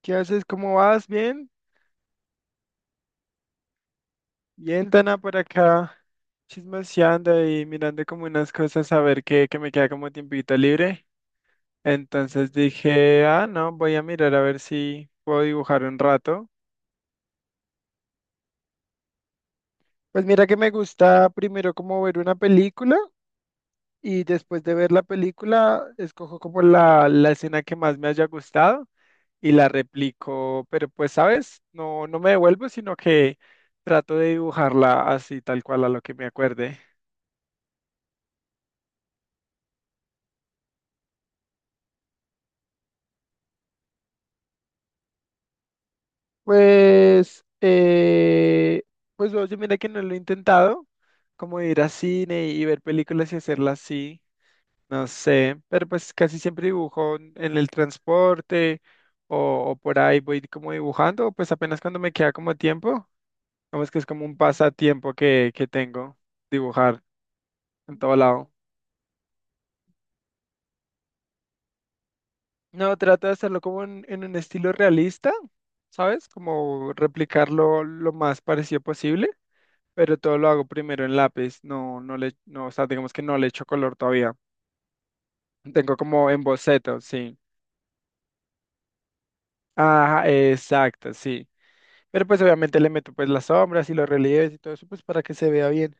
¿Qué haces? ¿Cómo vas? ¿Bien? Bien, Tana, por acá chismoseando y mirando como unas cosas a ver qué, que me queda como tiempito libre. Entonces dije, ah, no, voy a mirar a ver si puedo dibujar un rato. Pues mira que me gusta primero como ver una película y después de ver la película escojo como la escena que más me haya gustado y la replico, pero pues, ¿sabes? No me devuelvo, sino que trato de dibujarla así tal cual a lo que me acuerde. Pues, pues oye, mira que no lo he intentado, como ir a cine y ver películas y hacerlas así, no sé, pero pues casi siempre dibujo en el transporte o por ahí voy como dibujando, pues apenas cuando me queda como tiempo, vamos que es como un pasatiempo que tengo, dibujar en todo lado. No, trato de hacerlo como en un estilo realista, ¿sabes? Como replicarlo lo más parecido posible. Pero todo lo hago primero en lápiz, no, no le, no, o sea, digamos que no le echo color todavía. Tengo como en boceto, sí. Ajá, exacto, sí. Pero pues obviamente le meto pues las sombras y los relieves y todo eso, pues para que se vea bien.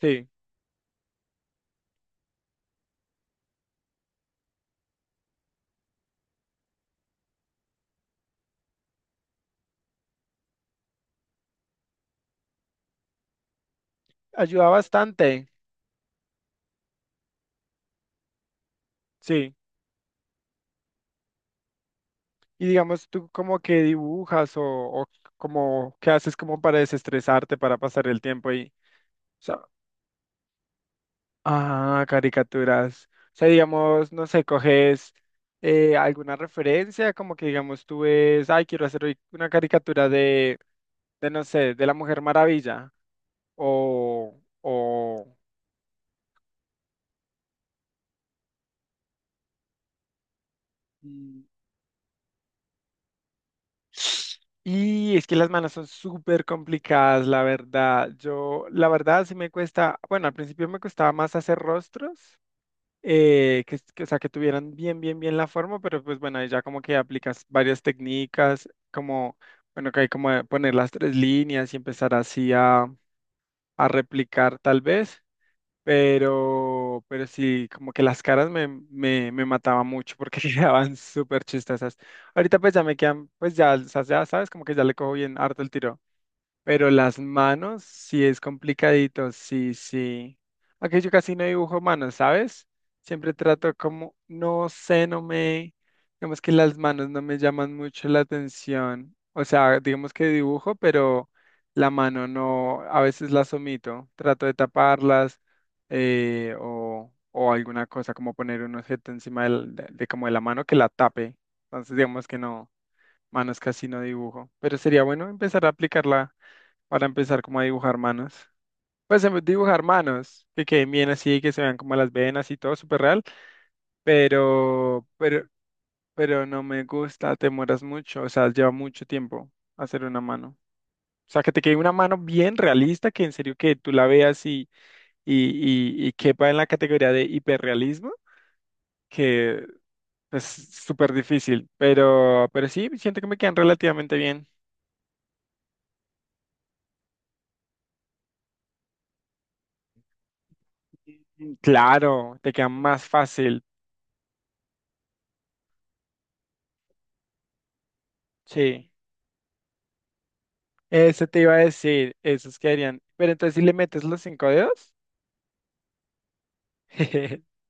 Sí, ayuda bastante, sí. Y digamos, tú como que dibujas o como qué haces como para desestresarte, para pasar el tiempo ahí. Ah, caricaturas. O sea, digamos, no sé, coges alguna referencia, como que digamos tú ves, ay, quiero hacer hoy una caricatura de no sé, de la Mujer Maravilla. O. Mm. Y es que las manos son súper complicadas, la verdad. Yo, la verdad, sí me cuesta, bueno, al principio me costaba más hacer rostros. Que- o sea, que tuvieran bien, bien, bien la forma, pero pues bueno, ahí ya como que aplicas varias técnicas, como, bueno, que hay como de poner las tres líneas y empezar así a replicar tal vez, pero sí, como que las caras me, me, me mataban mucho porque quedaban súper chistosas. Ahorita pues ya me quedan, pues ya, o sea, ya sabes, como que ya le cojo bien harto el tiro. Pero las manos sí es complicadito, sí, sí. Aunque yo casi no dibujo manos, ¿sabes? Siempre trato como, no sé, no me, digamos que las manos no me llaman mucho la atención. O sea, digamos que dibujo, pero la mano no, a veces las omito. Trato de taparlas o alguna cosa como poner un objeto encima del- de como de la mano que la tape. Entonces, digamos que no, manos casi no dibujo. Pero sería bueno empezar a aplicarla para empezar como a dibujar manos. Pues dibujar manos, que queden bien así, que se vean como las venas y todo súper real, pero, pero, pero no me gusta, te mueras mucho, o sea, lleva mucho tiempo hacer una mano. O sea, que te quede una mano bien realista, que en serio que tú la veas y, y quepa en la categoría de hiperrealismo, que es súper difícil, pero sí, siento que me quedan relativamente bien. Claro, te quedan más fácil, sí. Eso te iba a decir, esos que harían. Pero entonces, ¿si le metes los cinco dedos?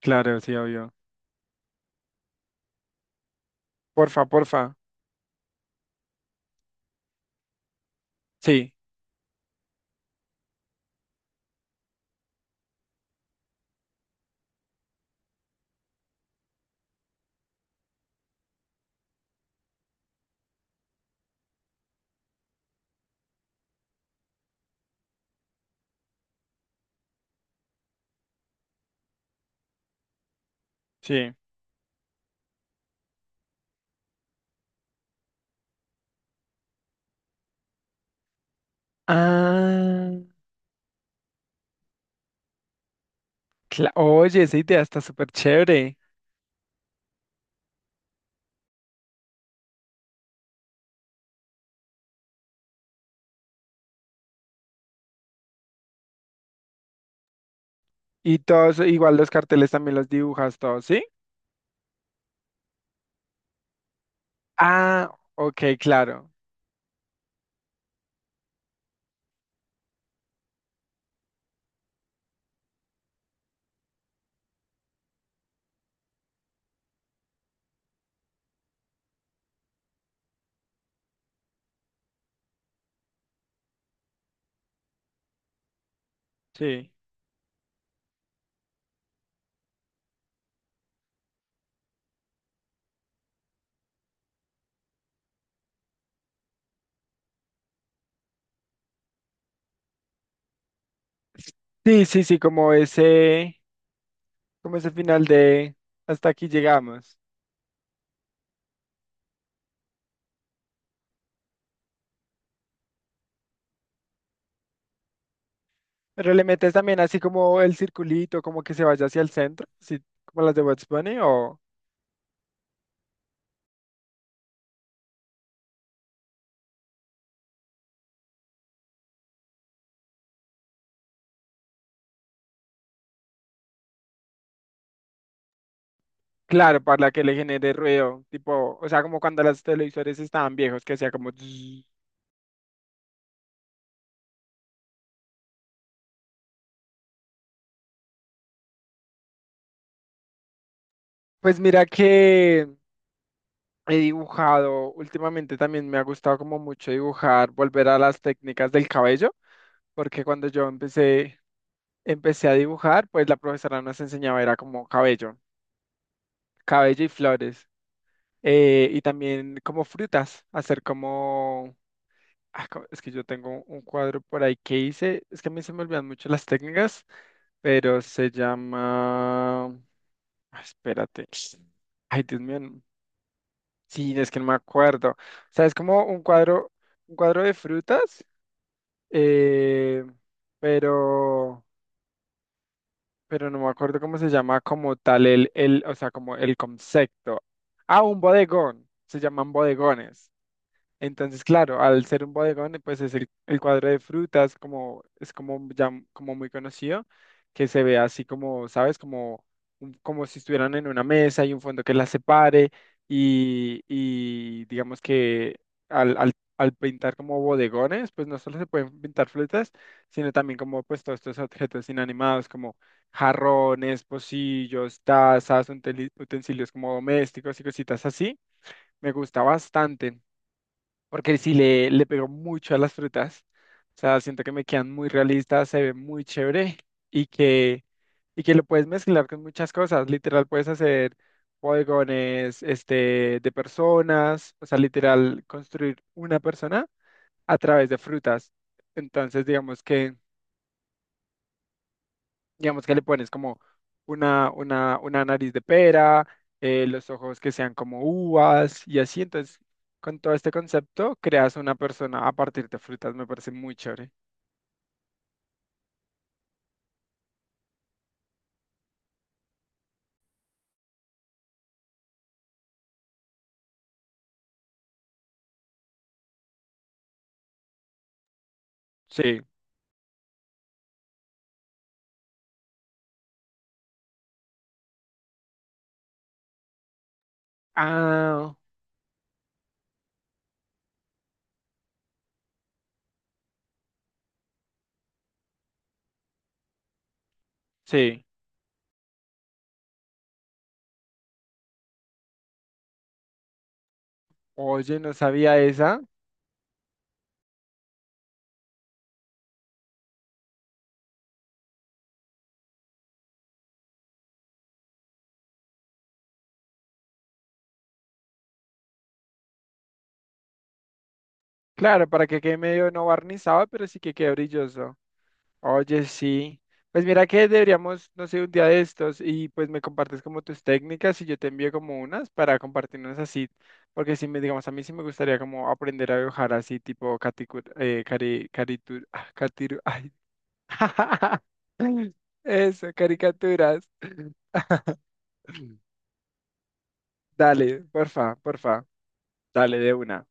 Claro, sí, obvio. Porfa, porfa. Sí, sí. Ah, cla- oye, esa idea está súper chévere. Y todos, igual los carteles también los dibujas todos, ¿sí? Ah, ok, claro. Sí. Sí, sí, sí, como ese final de hasta aquí llegamos. Pero le metes también así como el circulito, como que se vaya hacia el centro, así como las de What's Bunny, o. Claro, para que le genere ruido, tipo, o sea, como cuando los televisores estaban viejos, que hacía como... tss. Pues mira que he dibujado, últimamente también me ha gustado como mucho dibujar, volver a las técnicas del cabello, porque cuando yo empecé, empecé a dibujar, pues la profesora nos enseñaba era como cabello, cabello y flores, y también como frutas, hacer como... ah, co- es que yo tengo un cuadro por ahí que hice, es que a mí se me olvidan mucho las técnicas pero se llama... ah, espérate. Ay, Dios mío. No- sí, es que no me acuerdo. O sea, es como un cuadro de frutas, eh, pero, pero no me acuerdo cómo se llama como tal el, o sea, como el concepto. Ah, un bodegón. Se llaman bodegones. Entonces, claro, al ser un bodegón, pues es el cuadro de frutas, como es como ya m- como muy conocido, que se ve así como, ¿sabes? Como, un- como si estuvieran en una mesa y un fondo que las separe y digamos que al, al, al pintar como bodegones, pues no solo se pueden pintar frutas, sino también como pues todos estos objetos inanimados como jarrones, pocillos, tazas, unteli- utensilios como domésticos y cositas así. Me gusta bastante porque sí le pego mucho a las frutas. O sea, siento que me quedan muy realistas, se ve muy chévere y que, y que lo puedes mezclar con muchas cosas. Literal, puedes hacer bodegones este, de personas, o sea, literal, construir una persona a través de frutas. Entonces, digamos que le pones como una nariz de pera, los ojos que sean como uvas y así. Entonces, con todo este concepto, creas una persona a partir de frutas. Me parece muy chévere. Sí. Ah, sí. Oye, no sabía esa. Claro, para que quede medio no barnizado, pero sí que quede brilloso. Oye, sí. Pues mira que deberíamos, no sé, un día de estos y pues me compartes como tus técnicas y yo te envío como unas para compartirnos así, porque si me, digamos, a mí sí me gustaría como aprender a dibujar así tipo caricatura, cari, caritur- ah, catiru- ay. Eso, caricaturas. Dale, porfa, porfa, dale de una.